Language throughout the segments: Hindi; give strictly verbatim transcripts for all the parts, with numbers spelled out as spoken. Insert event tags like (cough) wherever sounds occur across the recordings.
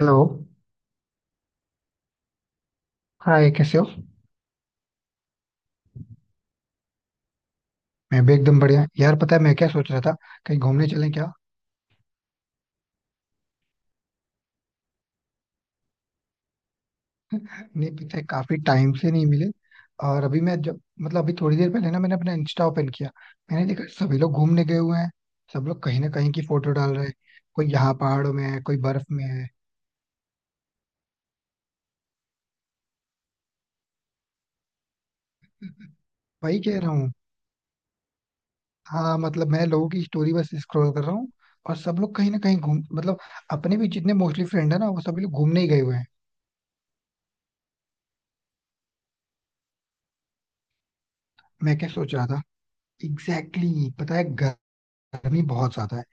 हेलो। हाय कैसे हो? मैं भी एकदम बढ़िया यार। पता है मैं क्या सोच रहा था? कहीं घूमने चलें क्या? नहीं, पिछले काफी टाइम से नहीं मिले। और अभी मैं जब मतलब अभी थोड़ी देर पहले ना मैंने अपना इंस्टा ओपन किया। मैंने देखा सभी लोग घूमने गए हुए हैं। सब लोग कहीं ना कहीं की फोटो डाल रहे हैं। कोई यहाँ पहाड़ों में है, कोई बर्फ में है। वही कह रहा हूँ। हाँ मतलब मैं लोगों की स्टोरी बस स्क्रॉल कर रहा हूँ। और सब लोग कहीं ना कहीं घूम मतलब अपने भी जितने मोस्टली फ्रेंड है ना वो सभी लोग घूमने ही गए हुए हैं। मैं क्या सोच रहा था? एग्जैक्टली exactly, पता है गर्मी बहुत ज्यादा है।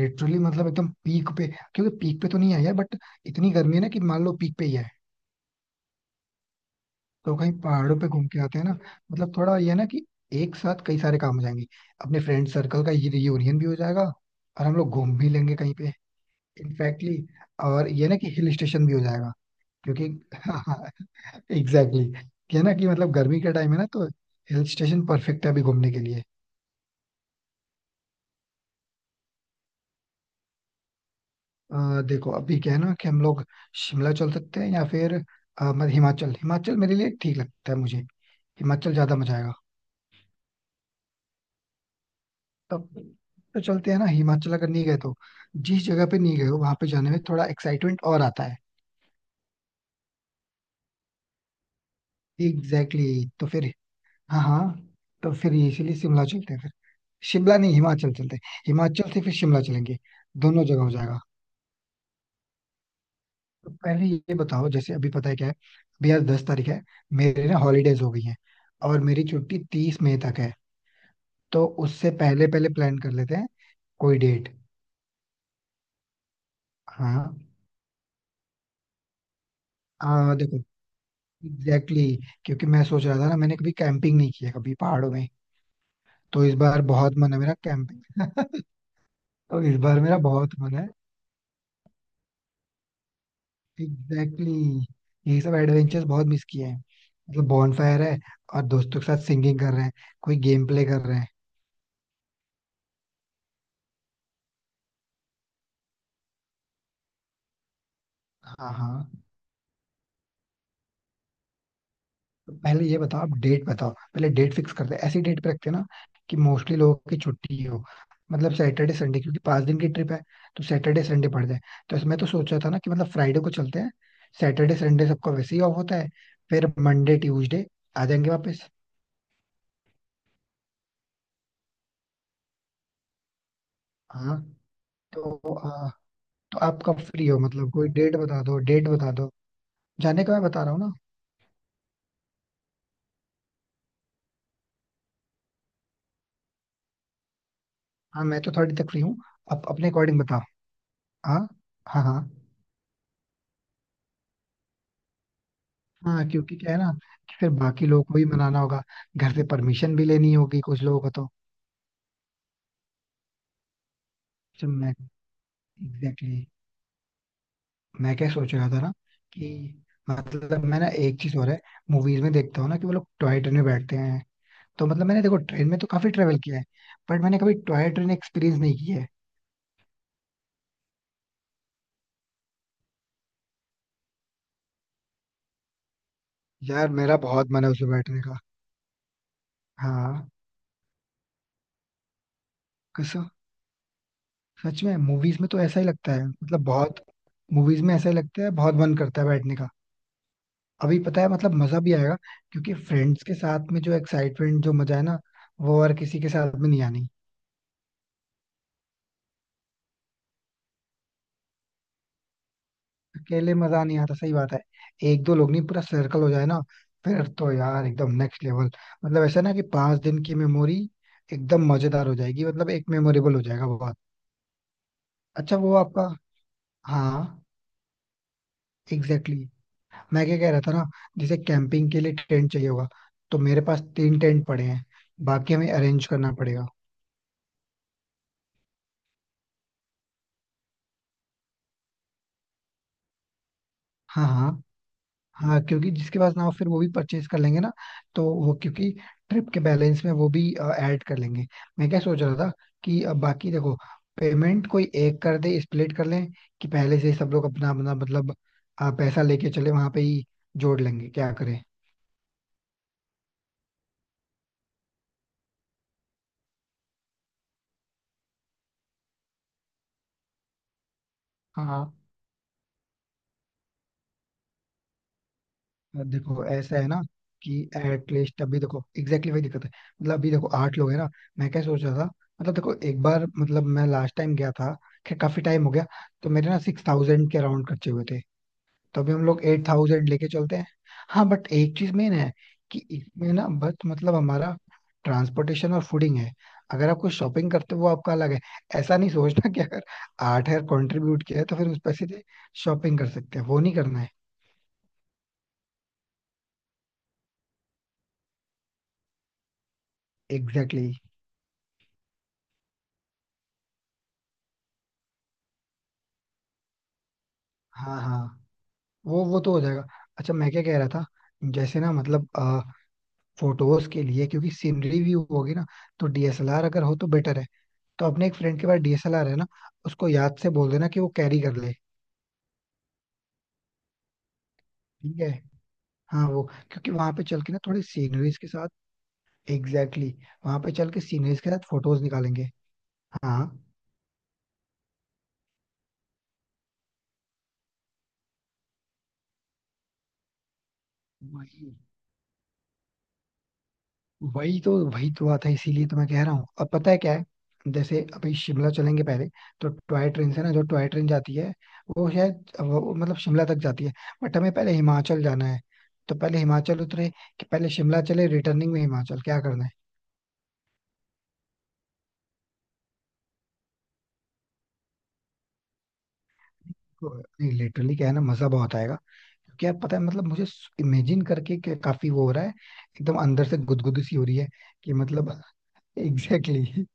लिटरली मतलब एकदम पीक पे। क्योंकि पीक पे तो नहीं आई है बट इतनी गर्मी है ना कि मान लो पीक पे ही है। तो कहीं पहाड़ों पे घूम के आते हैं ना। मतलब थोड़ा ये है ना कि एक साथ कई सारे काम हो जाएंगे। अपने फ्रेंड सर्कल का ये रियूनियन भी हो जाएगा। और हम लोग घूम भी लेंगे कहीं पे। इनफैक्टली और ये ना कि हिल स्टेशन भी हो जाएगा क्योंकि (laughs) हाँ। एग्जैक्टली ये ना कि मतलब गर्मी का टाइम है ना तो हिल स्टेशन परफेक्ट है अभी घूमने के लिए। अ, देखो अभी क्या है ना कि हम लोग शिमला चल सकते हैं या फिर अ, मत- हिमाचल। हिमाचल मेरे लिए ठीक लगता है मुझे। हिमाचल ज्यादा मजा आएगा। तब तो चलते हैं ना हिमाचल। अगर नहीं गए तो जिस जगह पे नहीं गए हो वहां पे जाने में थोड़ा एक्साइटमेंट और आता है। Exactly exactly. तो फिर हाँ हाँ। तो फिर ये इसीलिए शिमला चलते हैं फिर। शिमला नहीं, हिमाचल चलते हैं। हिमाचल से फिर शिमला चलेंगे। दोनों जगह हो जाएगा। तो पहले ये बताओ, जैसे अभी पता है क्या है, अभी आज दस तारीख है। मेरे ना हॉलीडेज हो गई है। और मेरी छुट्टी तीस मई तक है। तो उससे पहले पहले प्लान कर लेते हैं कोई डेट। हाँ। आ, देखो एग्जैक्टली exactly, क्योंकि मैं सोच रहा था ना मैंने कभी कैंपिंग नहीं किया कभी पहाड़ों में। तो इस बार बहुत मन है मेरा कैंपिंग। (laughs) तो इस बार मेरा बहुत मन है। एग्जैक्टली exactly, ये सब एडवेंचर्स बहुत मिस किए हैं। मतलब बॉनफायर है, और दोस्तों के साथ सिंगिंग कर रहे हैं, कोई गेम प्ले कर रहे हैं। हाँ हाँ। तो पहले ये बताओ, आप डेट बताओ। पहले डेट फिक्स करते हैं। ऐसी डेट पे रखते हैं ना कि मोस्टली लोगों की छुट्टी हो। मतलब सैटरडे संडे, क्योंकि पांच दिन की ट्रिप है। तो सैटरडे संडे पड़ जाए। तो इसमें तो सोचा था ना कि मतलब फ्राइडे को चलते हैं। सैटरडे संडे सबका वैसे ही ऑफ होता है। फिर मंडे ट्यूजडे आ जाएंगे वापस। हाँ। तो आ, तो आप कब फ्री हो? मतलब कोई डेट बता दो, डेट बता दो जाने का, मैं बता रहा हूँ ना। हाँ, मैं तो थर्टी तक फ्री हूँ। आप अपने अकॉर्डिंग बताओ। हाँ हाँ हाँ हाँ, क्योंकि क्या है ना कि फिर बाकी लोगों को भी मनाना होगा। घर से परमिशन भी लेनी होगी कुछ लोगों को तो। तो मैं एग्जैक्टली exactly, मैं क्या सोच रहा था ना कि मतलब मैं ना एक चीज और है। मूवीज में देखता हूँ ना कि वो लोग टॉय ट्रेन में बैठते हैं। तो मतलब मैंने देखो ट्रेन में तो काफी ट्रेवल किया है, बट मैंने कभी टॉय ट्रेन एक्सपीरियंस नहीं किया है। यार मेरा बहुत मन है उसमें बैठने का। हाँ कसम, सच में मूवीज में तो ऐसा ही लगता है, मतलब बहुत। मूवीज में ऐसा ही लगता है, बहुत मन करता है बैठने का। अभी पता है मतलब मजा भी आएगा, क्योंकि फ्रेंड्स के साथ में जो एक्साइटमेंट जो मजा है ना वो और किसी के साथ में नहीं आनी। अकेले मजा नहीं आता, सही बात है। एक दो लोग नहीं, पूरा सर्कल हो जाए ना। फिर तो यार एकदम नेक्स्ट लेवल। मतलब ऐसा ना कि पांच दिन की मेमोरी एकदम मजेदार हो जाएगी। मतलब एक मेमोरेबल हो जाएगा बहुत। अच्छा वो आपका हाँ। Exactly exactly. मैं क्या कह रहा था ना, जैसे कैंपिंग के लिए टेंट चाहिए होगा। तो मेरे पास तीन टेंट पड़े हैं। बाकी हमें अरेंज करना पड़ेगा। हाँ हाँ हाँ, क्योंकि जिसके पास ना हो फिर वो भी परचेज कर लेंगे ना। तो वो क्योंकि ट्रिप के बैलेंस में वो भी ऐड कर लेंगे। मैं क्या सोच रहा था कि अब बाकी देखो पेमेंट कोई एक कर दे, स्प्लिट कर लें। कि पहले से ही सब लोग अपना अपना मतलब अ, पैसा लेके चले वहां पे ही, जोड़ लेंगे, क्या करें। हाँ। अब देखो ऐसा है ना कि एटलीस्ट अभी देखो एग्जैक्टली exactly वही दिक्कत है। मतलब अभी देखो आठ लोग है ना। मैं क्या सोच रहा था, मतलब देखो एक बार, मतलब मैं लास्ट टाइम गया था, खैर काफी टाइम हो गया। तो मेरे ना सिक्स थाउजेंड के अराउंड खर्चे हुए थे। तो अभी हम लोग एट थाउजेंड लेके चलते हैं। हाँ बट एक चीज मेन है कि इसमें ना बस मतलब हमारा ट्रांसपोर्टेशन और फूडिंग है। अगर आप कुछ शॉपिंग करते हो वो आपका अलग है। ऐसा नहीं सोचना कि अगर आठ हजार कंट्रीब्यूट किया है तो फिर उस पैसे से शॉपिंग कर सकते हैं, वो नहीं करना है। Exactly exactly. हाँ हाँ, वो वो तो हो जाएगा। अच्छा मैं क्या कह रहा था, जैसे ना मतलब फोटोज के लिए क्योंकि सीनरी व्यू होगी ना, तो डीएसएलआर अगर हो तो बेटर है। तो अपने एक फ्रेंड के पास डीएसएलआर है ना, उसको याद से बोल देना कि वो कैरी कर ले। ठीक है। हाँ वो, क्योंकि वहां पे चल के ना थोड़ी सीनरीज के साथ एग्जैक्टली exactly, वहां पे चल के सीनरीज के साथ फोटोज निकालेंगे। हाँ। वही, वही तो वही तो बात है, इसीलिए तो मैं कह रहा हूँ। अब पता है क्या है, जैसे अभी शिमला चलेंगे पहले, तो टॉय ट्रेन से ना, जो टॉय ट्रेन जाती है वो शायद वो, वो मतलब शिमला तक जाती है। बट हमें पहले हिमाचल जाना है। तो पहले हिमाचल उतरे, कि पहले शिमला चले, रिटर्निंग में हिमाचल क्या करना है। नहीं लिटरली क्या है ना मजा बहुत आएगा, क्योंकि यार पता है मतलब मुझे इमेजिन करके के काफी वो हो रहा है। एकदम अंदर से गुदगुदी सी हो रही है कि मतलब (laughs) एग्जैक्टली exactly,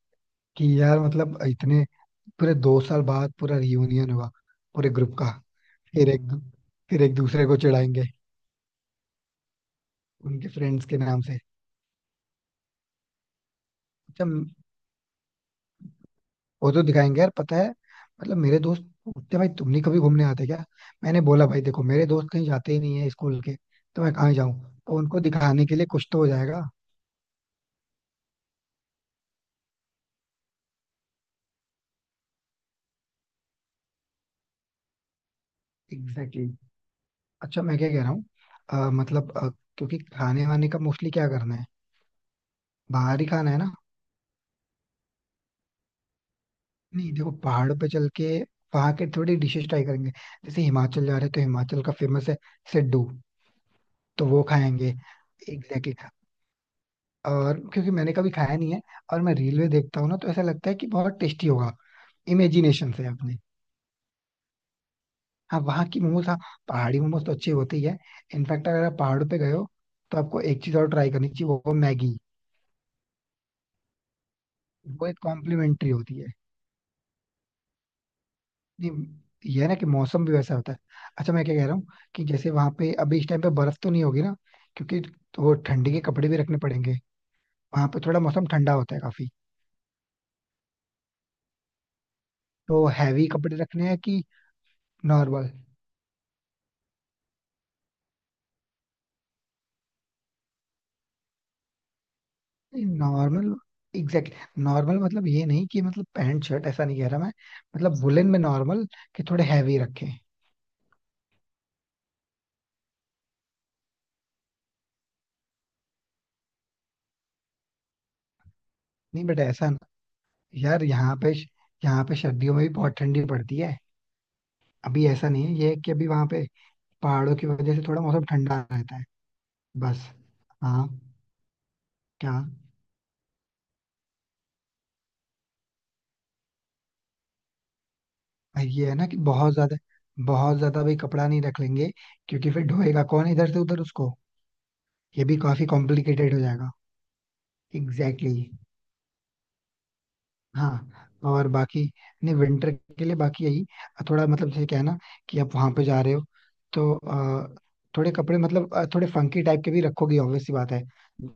कि यार मतलब इतने पूरे दो साल बाद पूरा रियूनियन हुआ पूरे ग्रुप का। फिर एक दू- फिर एक दूसरे को चिढ़ाएंगे उनके फ्रेंड्स के नाम से। अच्छा वो तो दिखाएंगे यार, पता है मतलब मेरे दोस्त पूछते भाई तुम नहीं कभी घूमने आते क्या। मैंने बोला भाई देखो मेरे दोस्त कहीं जाते ही नहीं है स्कूल के, तो मैं कहाँ जाऊँ। तो उनको दिखाने के लिए कुछ तो हो जाएगा। Exactly exactly. अच्छा मैं क्या कह रहा हूँ, अ, मतलब अ, क्योंकि खाने वाने का मोस्टली क्या करना है, बाहर ही खाना है ना। नहीं देखो, पहाड़ पे चल के वहां के थोड़ी डिशेस ट्राई करेंगे। जैसे हिमाचल जा रहे हैं तो हिमाचल का फेमस है सिड्डू, तो वो खाएंगे। Exactly exactly. और क्योंकि मैंने कभी खाया नहीं है, और मैं रील में देखता हूँ ना तो ऐसा लगता है कि बहुत टेस्टी होगा इमेजिनेशन से अपने। हाँ वहाँ की मोमोज, हाँ पहाड़ी मोमोज तो अच्छी होती है। इनफैक्ट अगर आप पहाड़ों पे गए हो तो आपको एक चीज और ट्राई करनी चाहिए, वो मैगी। वो एक कॉम्प्लीमेंट्री होती है। नहीं ये है ना कि मौसम भी वैसा होता है। अच्छा मैं क्या कह रहा हूँ, कि जैसे वहां पे अभी इस टाइम पे बर्फ तो नहीं होगी ना, क्योंकि तो वो ठंडी के कपड़े भी रखने पड़ेंगे। वहां पे थोड़ा मौसम ठंडा होता है काफी। तो हैवी कपड़े रखने हैं कि नॉर्मल? नॉर्मल एग्जैक्ट, नॉर्मल मतलब ये नहीं कि मतलब पैंट शर्ट, ऐसा नहीं कह रहा मैं। मतलब वुलन में नॉर्मल कि थोड़े हैवी रखें। नहीं बट ऐसा न- यार यहाँ पे यहाँ पे सर्दियों में भी बहुत ठंडी पड़ती है। अभी ऐसा नहीं है, ये है कि अभी वहां पे पहाड़ों की वजह से थोड़ा मौसम ठंडा रहता है, बस। हाँ। क्या? भाई, ये है ना कि बहुत ज्यादा बहुत ज्यादा भी कपड़ा नहीं रख लेंगे, क्योंकि फिर ढोएगा कौन इधर से उधर उसको। ये भी काफी कॉम्प्लिकेटेड हो जाएगा। Exactly exactly. हाँ और बाकी नहीं विंटर के लिए बाकी यही थोड़ा मतलब जैसे क्या है ना कि आप वहां पे जा रहे हो, तो अ, थोड़े कपड़े मतलब अ, थोड़े फंकी टाइप के भी रखोगे ऑब्वियस सी बात है,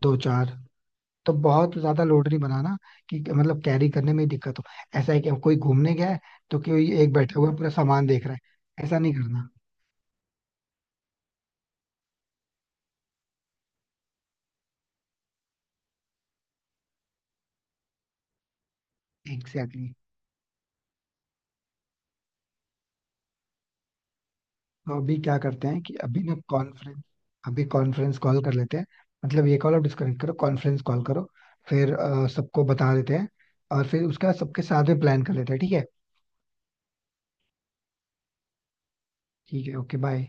दो चार। तो बहुत ज्यादा लोड नहीं बनाना कि मतलब कैरी करने में ही दिक्कत हो। ऐसा है कि अब कोई घूमने गया है तो कोई एक बैठा हुआ है, पूरा सामान देख रहा है, ऐसा नहीं करना। Exactly exactly. तो अभी क्या करते हैं कि अभी ना कॉन्फ्रेंस अभी कॉन्फ्रेंस कॉल कर लेते हैं, मतलब ये कॉल आप डिस्कनेक्ट करो, कॉन्फ्रेंस कॉल करो। फिर अ, सबको बता देते हैं और फिर उसका सबके साथ में प्लान कर लेते हैं। ठीक है। ठीक है ओके बाय।